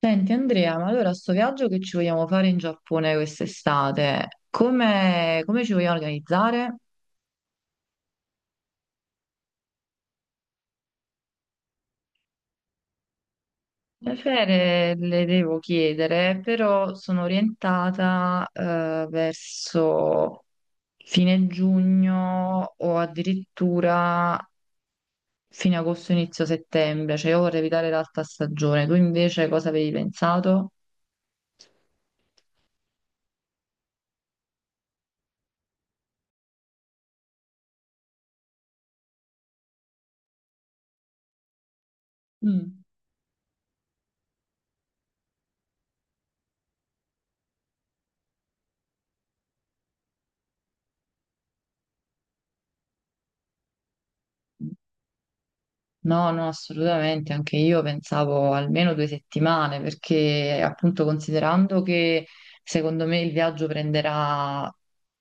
Senti Andrea, ma allora sto viaggio che ci vogliamo fare in Giappone quest'estate, come ci vogliamo organizzare? Le ferie le devo chiedere, però sono orientata verso fine giugno o addirittura fine agosto, inizio settembre, cioè io vorrei evitare l'alta stagione. Tu invece cosa avevi pensato? Mm. No, no, assolutamente, anche io pensavo almeno due settimane, perché appunto considerando che secondo me il viaggio prenderà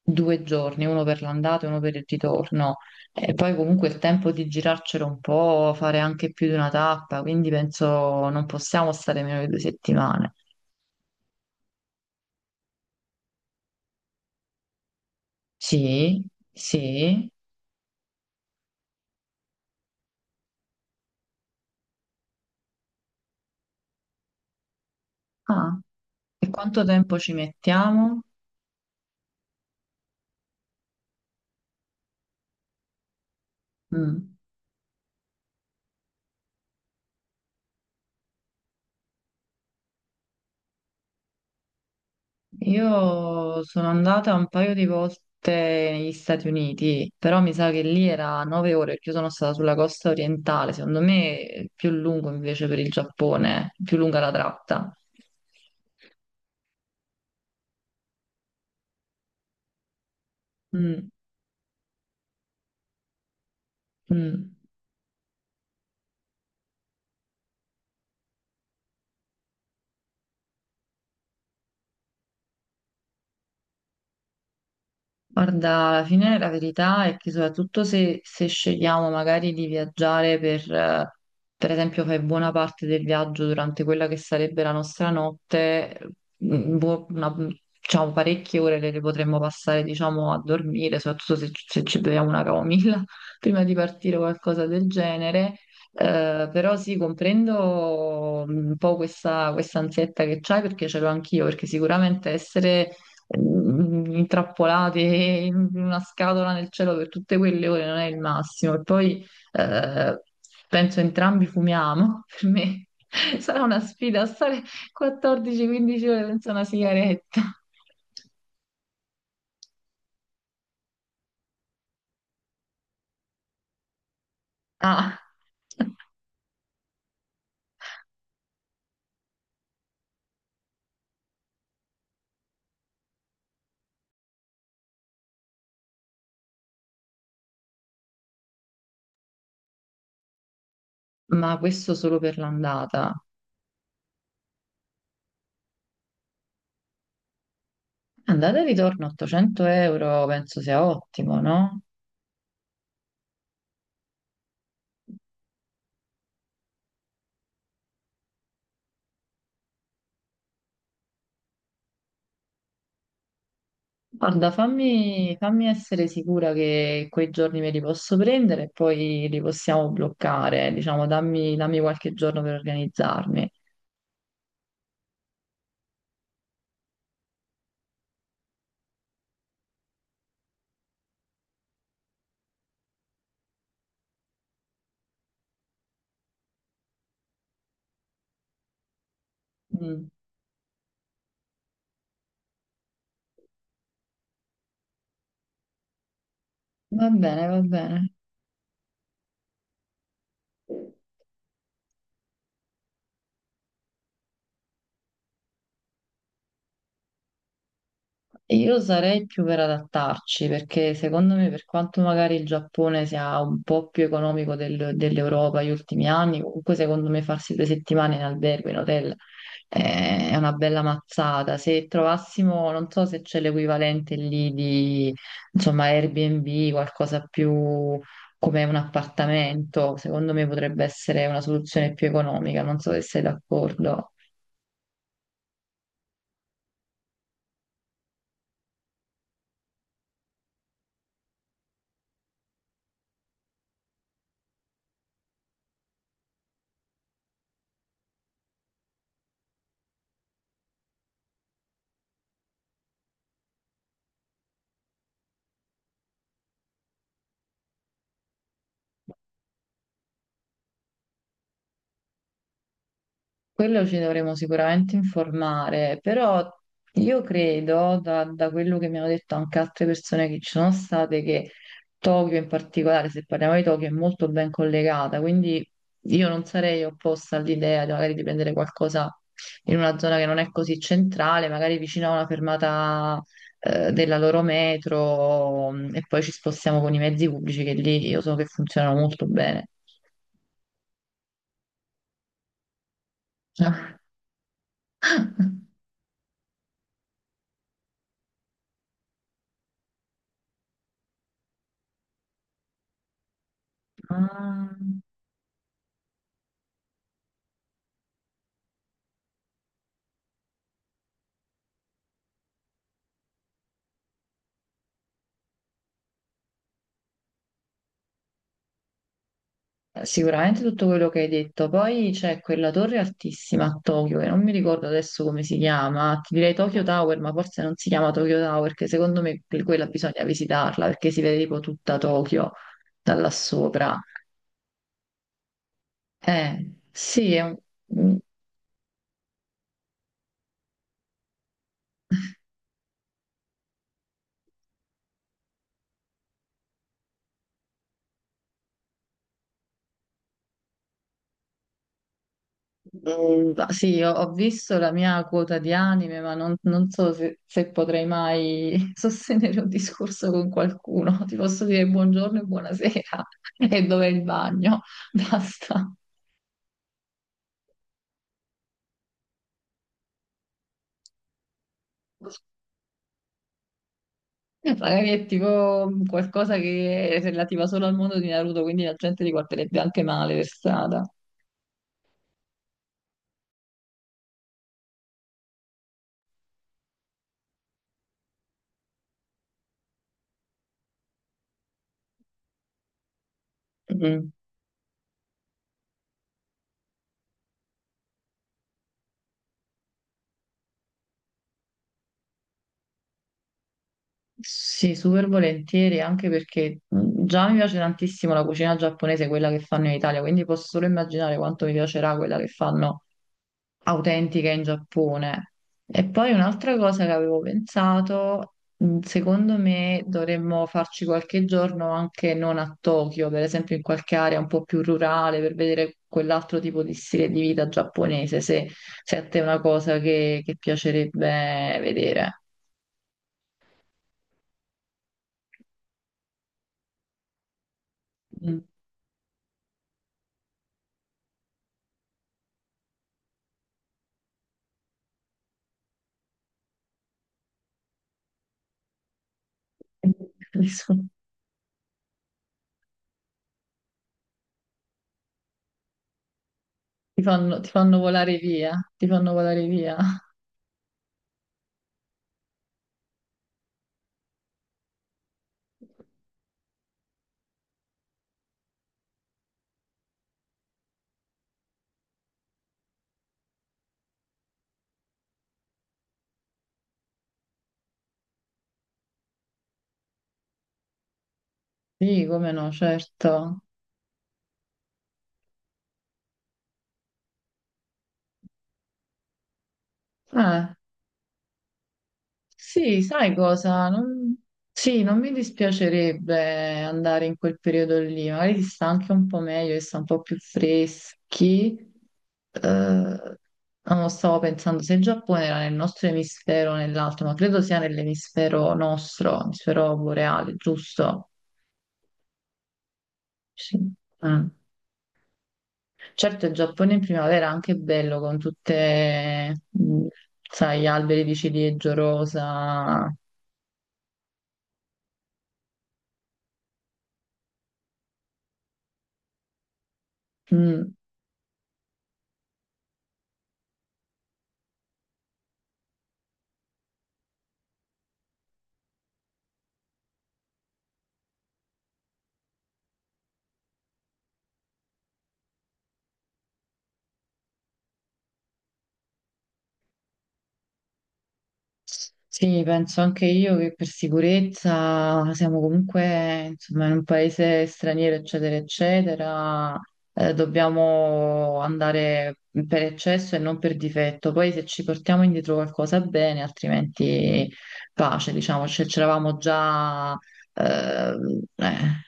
due giorni, uno per l'andata e uno per il ritorno, e poi comunque il tempo di girarcelo un po', fare anche più di una tappa, quindi penso non possiamo stare meno di due settimane. Sì, sì. Ah, e quanto tempo ci mettiamo? Mm. Io sono andata un paio di volte negli Stati Uniti, però mi sa che lì era 9 ore, perché io sono stata sulla costa orientale, secondo me è più lungo invece per il Giappone, più lunga la tratta. Mm, mm. Guarda, alla fine la verità è che soprattutto se scegliamo magari di viaggiare per per esempio, fare buona parte del viaggio durante quella che sarebbe la nostra notte, boh, una- diciamo parecchie ore le potremmo passare, diciamo, a dormire, soprattutto se ci beviamo una camomilla prima di partire o qualcosa del genere. Però sì, comprendo un po' questa ansietta che c'hai perché ce l'ho anch'io, perché sicuramente essere intrappolati in una scatola nel cielo per tutte quelle ore non è il massimo. E poi eh, penso entrambi fumiamo, per me sarà una sfida stare 14-15 ore senza una sigaretta. Ah, ma questo solo per l'andata. Andata e ritorno 800 euro penso sia ottimo, no? Guarda, fammi, fammi essere sicura che quei giorni me li posso prendere e poi li possiamo bloccare, diciamo, dammi, dammi qualche giorno per organizzarmi. Mm. Va bene, va bene. E io sarei più per adattarci perché secondo me, per quanto magari il Giappone sia un po' più economico del- dell'Europa negli ultimi anni, comunque secondo me farsi due settimane in albergo, in hotel, è una bella mazzata. Se trovassimo, non so se c'è l'equivalente lì di, insomma, Airbnb, qualcosa più come un appartamento, secondo me potrebbe essere una soluzione più economica, non so se sei d'accordo. Quello ci dovremo sicuramente informare, però io credo, da quello che mi hanno detto anche altre persone che ci sono state, che Tokyo in particolare, se parliamo di Tokyo, è molto ben collegata, quindi io non sarei opposta all'idea di magari di prendere qualcosa in una zona che non è così centrale, magari vicino a una fermata della loro metro, e poi ci spostiamo con i mezzi pubblici che lì io so che funzionano molto bene. Ah. Sicuramente tutto quello che hai detto. Poi c'è quella torre altissima a Tokyo, che non mi ricordo adesso come si chiama, ti direi Tokyo Tower, ma forse non si chiama Tokyo Tower, perché secondo me que- quella bisogna visitarla, perché si vede tipo tutta Tokyo da là sopra. Sì, è un- Mm, sì, ho visto la mia quota di anime, ma non so se, se potrei mai sostenere un discorso con qualcuno. Ti posso dire buongiorno e buonasera e dov'è il bagno? Basta. Eh, Magari è tipo qualcosa che è relativa solo al mondo di Naruto, quindi la gente li guarderebbe anche male per strada. Mm. Sì, super volentieri, anche perché già mi piace tantissimo la cucina giapponese, quella che fanno in Italia, quindi posso solo immaginare quanto mi piacerà quella che fanno autentica in Giappone. E poi un'altra cosa che avevo pensato, secondo me dovremmo farci qualche giorno anche non a Tokyo, per esempio in qualche area un po' più rurale, per vedere quell'altro tipo di stile di vita giapponese, se a te è una cosa che piacerebbe vedere. Mm. Ti fanno volare via, ti fanno volare via. Sì, come no, certo. Eh, sì, sai cosa? Non- Sì, non mi dispiacerebbe andare in quel periodo lì, magari si sta anche un po' meglio, si sta un po' più freschi. Non lo stavo pensando se il Giappone era nel nostro emisfero o nell'altro, ma credo sia nell'emisfero nostro, emisfero boreale, giusto? Sì. Mm. Certo, il Giappone in primavera è anche bello con tutte, sai, alberi di ciliegio rosa. Mm. Sì, penso anche io che per sicurezza siamo comunque, insomma, in un paese straniero, eccetera, eccetera. Dobbiamo andare per eccesso e non per difetto. Poi se ci portiamo indietro qualcosa bene, altrimenti pace, diciamo, c'eravamo già... eh, eh.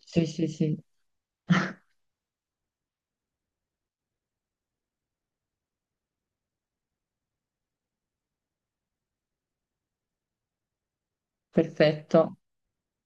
Sì, sì, sì, perfetto.